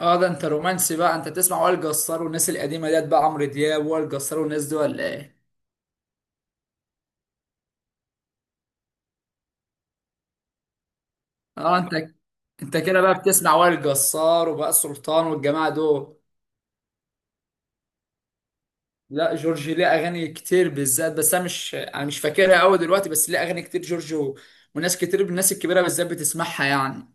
اه، ده انت رومانسي بقى. انت تسمع وائل جسار والناس القديمه ديت، بقى عمرو دياب وائل جسار والناس دي ولا ايه؟ اه، انت. انت كده بقى بتسمع وائل جسار وبقى سلطان والجماعه دول. لا، جورج ليه اغاني كتير بالذات، بس انا مش فاكرها قوي دلوقتي. بس ليه اغاني كتير جورج. وناس كتير من الناس الكبيره بالذات بتسمعها يعني.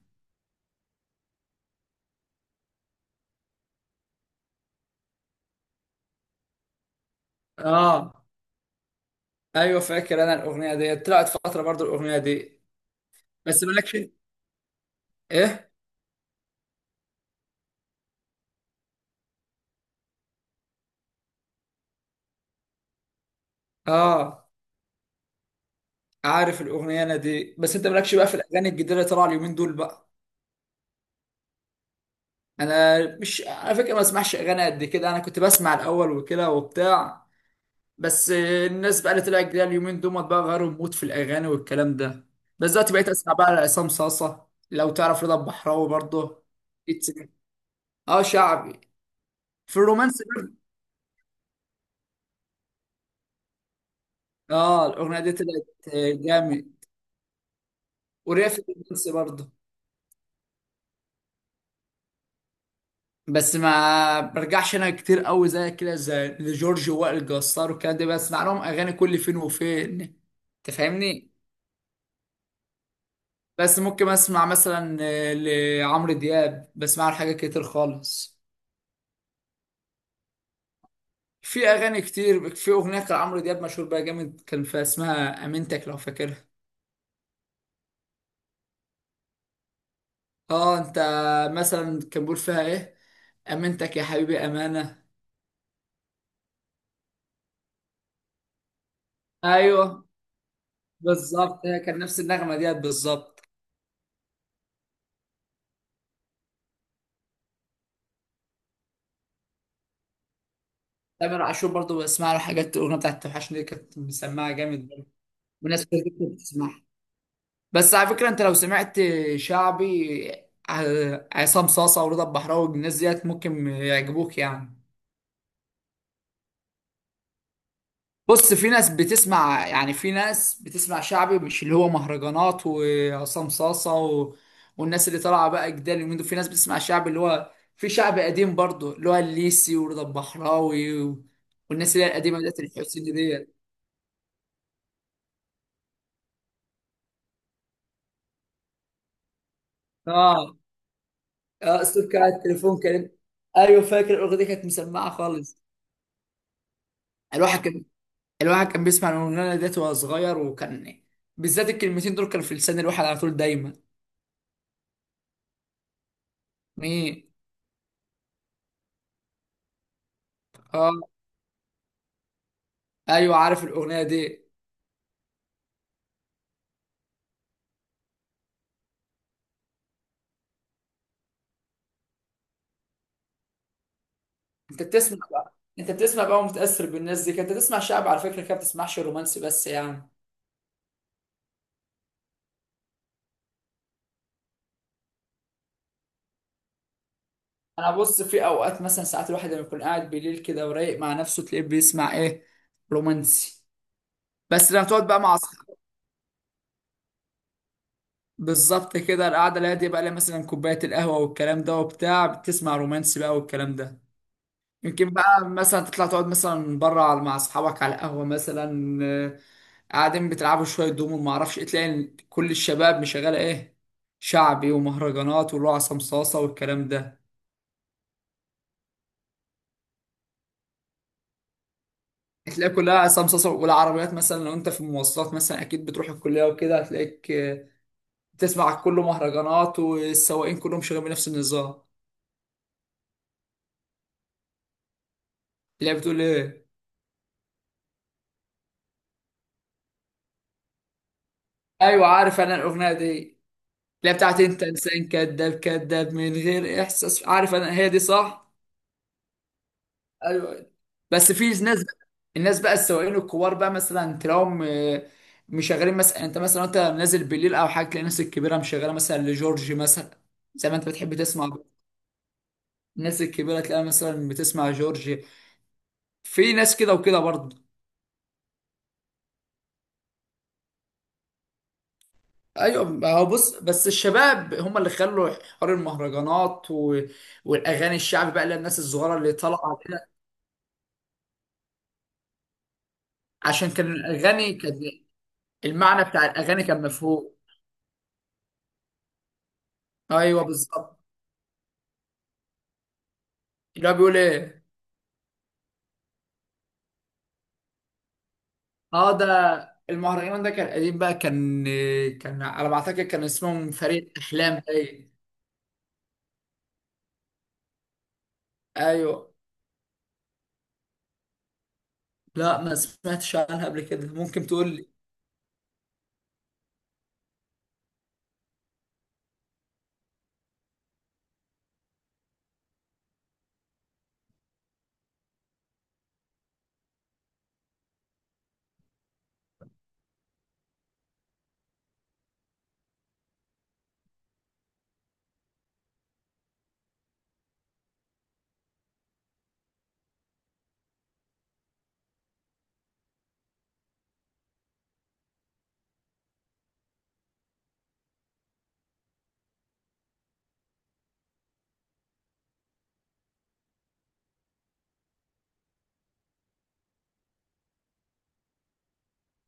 اه، ايوه فاكر انا الاغنيه دي، طلعت فتره برضو الاغنيه دي. بس مالكش. ايه. اه، عارف الاغنيه انا دي، بس انت مالكش بقى في الاغاني الجديده اللي طالعه اليومين دول بقى. انا مش على فكره ما بسمعش اغاني قد كده، انا كنت بسمع الاول وكده وبتاع. بس الناس بقى اللي طلعت جديده اليومين دول بقى غيروا المود في الاغاني والكلام ده. بس دلوقتي بقيت اسمع بقى لعصام صاصه، لو تعرف رضا البحراوي برضه يتسمع. اه، شعبي. في الرومانس برضه. اه، الاغنيه دي طلعت جامد. وريا في الرومانس برضه. بس ما برجعش انا كتير قوي زي كده، زي لجورج وائل جسار والكلام ده بسمع لهم اغاني كل فين وفين. انت فاهمني. بس ممكن اسمع مثلا لعمرو دياب بسمع له حاجات كتير خالص. في اغاني كتير، في اغنيه كان عمرو دياب مشهور بيها جامد كان فيها اسمها امنتك لو فاكرها. اه، انت. مثلا كان بيقول فيها ايه. امنتك يا حبيبي امانه. ايوه بالظبط، هي كان نفس النغمه ديت بالظبط. تامر عاشور برضه بسمع له حاجات، الاغنيه بتاعت توحشني دي كانت مسمعه جامد برضه. وناس كتير كنت بتسمعها. بس على فكرة، انت لو سمعت شعبي، عصام صاصة ورضا البحراوي الناس ديت ممكن يعجبوك يعني. بص، في ناس بتسمع يعني، في ناس بتسمع شعبي مش اللي هو مهرجانات وعصام صاصة. والناس اللي طالعة بقى جدال اليومين دول، في ناس بتسمع شعبي اللي هو في شعبي قديم برضه اللي هو الليسي ورضا البحراوي. والناس اللي هي القديمة ديت الحسيني ديت. اه. اه، الصوت كان على التليفون كان. ايوه فاكر الاغنية دي كانت مسمعة خالص. الواحد كان الواحد كان بيسمع الاغنيه ديت وهو صغير وكان. بالذات الكلمتين دول كانوا في لسان الواحد على طول دايما. مين؟ اه، ايوه عارف الاغنيه دي. انت بتسمع بقى ومتاثر بالناس دي، كانت بتسمع شعب على فكره كده. ما بتسمعش رومانسي بس يعني. انا بص، في اوقات مثلا ساعات الواحد لما يكون قاعد بالليل كده ورايق مع نفسه، تلاقيه بيسمع ايه؟ رومانسي. بس لما تقعد بقى مع اصحابك. بالظبط كده، القعده اللي هي دي بقى لها مثلا كوبايه القهوه والكلام ده وبتاع بتسمع رومانسي بقى والكلام ده. يمكن بقى مثلا تطلع تقعد مثلا بره مع اصحابك على قهوه مثلا. قاعدين بتلعبوا شويه دومو ما اعرفش ايه، تلاقي إن كل الشباب مشغله ايه. شعبي ومهرجانات واللي هو عصام صاصه والكلام ده. هتلاقي كلها عصام صاصه، والعربيات مثلا لو انت في المواصلات مثلا اكيد بتروح الكليه وكده، هتلاقيك بتسمع كله مهرجانات، والسواقين كلهم شغالين بنفس النظام. تلاقي بتقول ايه. ايوه عارف انا الاغنيه دي، اللي هي بتاعت انت انسان كذاب كذاب من غير احساس، عارف انا هي دي صح. ايوه. بس في ناس. الناس بقى السواقين الكبار بقى مثلا تلاقيهم مشغلين مثلا، يعني انت مثلا انت نازل بالليل او حاجه تلاقي الناس الكبيره مشغله مثلا لجورج مثلا. زي ما انت بتحب تسمع. الناس الكبيره تلاقيها مثلا بتسمع جورج. في ناس كده وكده برضه. ايوه، ما هو بص بس الشباب هم اللي خلوا حوار المهرجانات، والاغاني الشعبي بقى للناس الصغيره اللي طالعه كده. عشان كان الاغاني كان، المعنى بتاع الاغاني كان مفهوم. ايوه بالظبط. اللي هو بيقول ايه. اه، ده. المهرجان ده كان قديم بقى كان. كان على ما اعتقد كان اسمهم فريق احلام باين. ايوه. لا، ما سمعتش عنها قبل كده، ممكن تقول لي.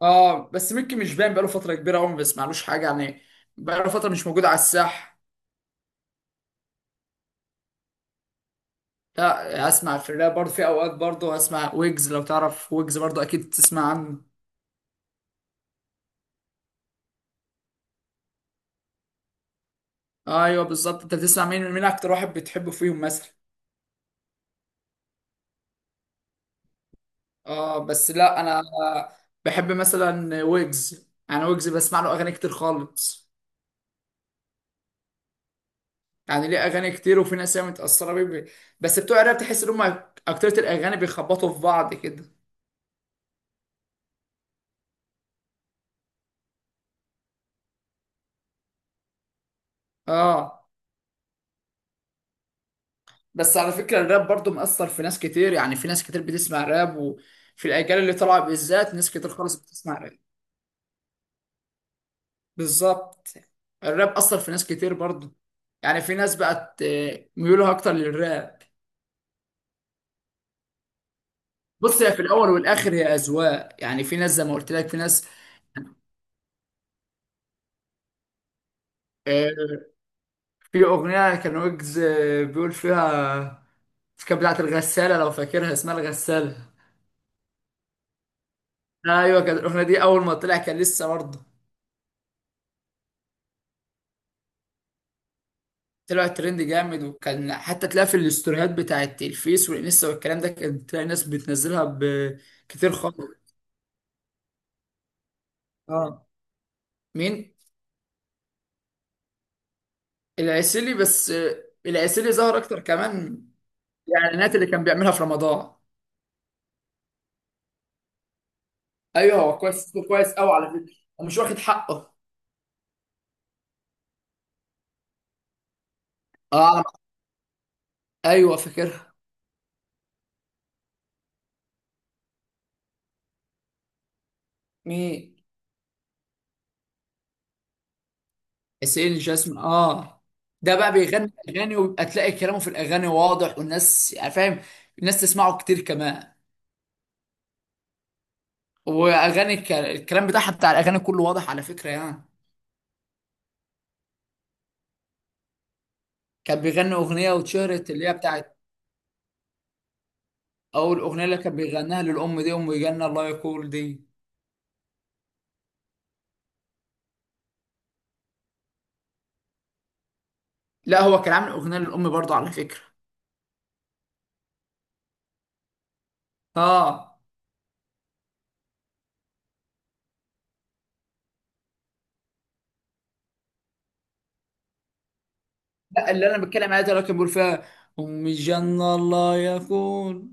اه، بس ممكن مش باين بقاله فتره كبيره قوي ما بسمعلوش حاجه يعني. بقاله فتره مش موجود على الساحه. لا، اسمع في الراب برضه، في اوقات برضه اسمع ويجز، لو تعرف ويجز برضه اكيد تسمع عنه. ايوه بالظبط، انت بتسمع مين، مين اكتر واحد بتحبه فيهم مثلا؟ اه، بس لا انا بحب مثلا ويجز، انا ويجز بسمع له اغاني كتير خالص، يعني ليه اغاني كتير وفي ناس هي متاثره بيه. بس بتوع الراب تحس ان هم اكترية الاغاني بيخبطوا في بعض كده. اه، بس على فكره الراب برضو مأثر في ناس كتير، يعني في ناس كتير بتسمع راب، وفي الاجيال اللي طالعه بالذات ناس كتير خالص بتسمع راب. بالظبط. الراب اثر في ناس كتير برضو، يعني في ناس بقت ميولها اكتر للراب. بص، هي في الاول والاخر هي اذواق، يعني في ناس زي ما قلت لك في ناس. آه، في اغنيه كان ويجز بيقول فيها، كانت بتاعت الغسالة لو فاكرها اسمها الغسالة. ايوه، كانت الاغنية دي اول ما طلع كان لسه برضه. طلع ترند جامد، وكان حتى تلاقي في الاستوريات بتاعت الفيس والانستا والكلام ده كان تلاقي ناس بتنزلها بكتير خالص. اه. مين؟ العسيلي، بس العسيلي ظهر اكتر كمان في الاعلانات اللي كان بيعملها في رمضان. ايوه، هو كويس، صوته كويس قوي على فكرة ومش واخد حقه. اه. ايوه فاكرها. مين؟ حسين جاسمين. اه. ده بقى بيغني اغاني، ويبقى تلاقي كلامه في الاغاني واضح والناس يعني فاهم. الناس تسمعه كتير كمان. واغاني الكلام بتاعها بتاع الاغاني كله واضح على فكره يعني. كان بيغني اغنيه واتشهرت، اللي هي بتاعت اول اغنيه اللي كان بيغناها للام، دي ام جنه الله يقول دي. لا، هو كان عامل اغنيه للام برضه على فكره. اه. لا، اللي انا بتكلم عليها ده اللي كان بيقول فيها ام جنه الله يقول.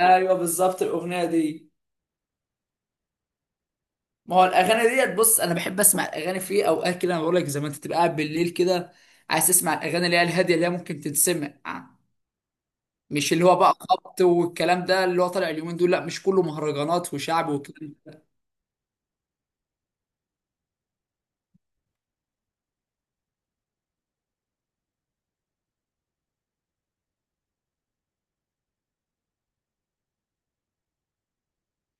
ايوه بالظبط الاغنيه دي. ما هو الاغاني ديت بص، انا بحب اسمع الاغاني في اوقات كده انا بقول لك زي ما انت تبقى قاعد بالليل كده. عايز تسمع الاغاني اللي هي الهاديه اللي هي ممكن تتسمع. مش اللي هو بقى خبط والكلام ده اللي هو طالع اليومين دول، لا مش كله مهرجانات وشعب والكلام ده.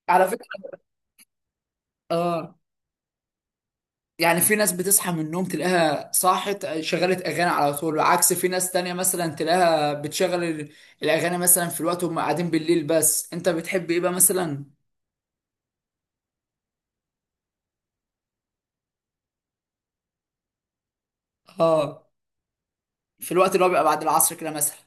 على فكره. اه. يعني في ناس بتصحى من النوم تلاقيها صاحت شغلت اغاني على طول، عكس في ناس تانية مثلا تلاقيها بتشغل الاغاني مثلا في الوقت وهم قاعدين بالليل. بس انت بتحب ايه بقى مثلا؟ اه، في الوقت اللي هو بيبقى بعد العصر كده مثلا.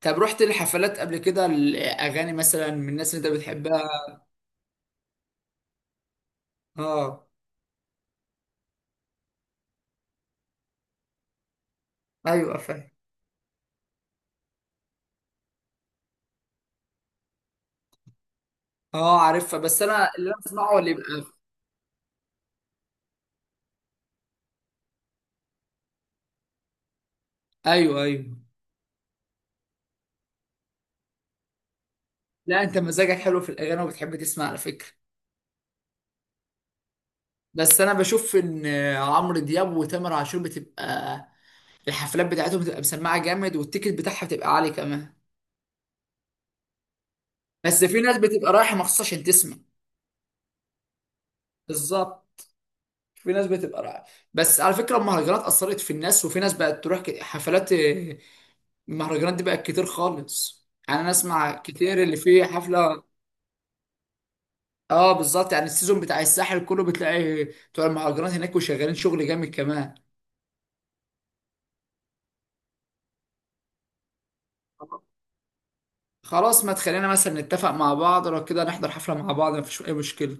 طب رحت لحفلات قبل كده، الاغاني مثلا من الناس اللي انت بتحبها. اه. ايوه فاهم. اه، عارفها بس انا اللي انا بسمعه اللي يبقى. ايوه ايوه. لا، انت مزاجك حلو في الاغاني وبتحب تسمع على فكره. بس انا بشوف ان عمرو دياب وتامر عاشور بتبقى الحفلات بتاعتهم بتبقى مسمعه جامد، والتيكت بتاعها بتبقى عالي كمان. بس في ناس بتبقى رايحه مخصوص عشان تسمع. بالظبط. في ناس بتبقى رايحه. بس على فكره المهرجانات اثرت في الناس، وفي ناس بقت تروح حفلات. المهرجانات دي بقت كتير خالص، يعني انا اسمع كتير اللي فيه حفله. اه بالظبط، يعني السيزون بتاع الساحل كله بتلاقي بتوع المهرجانات هناك وشغالين شغل جامد كمان. خلاص، ما تخلينا مثلا نتفق مع بعض لو كده نحضر حفله مع بعض مفيش اي مشكله.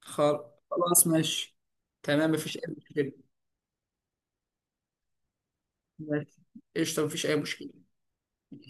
خل- خلاص ماشي. تمام، مفيش اي مشكله. ماشي. قشطه، مفيش اي مشكله.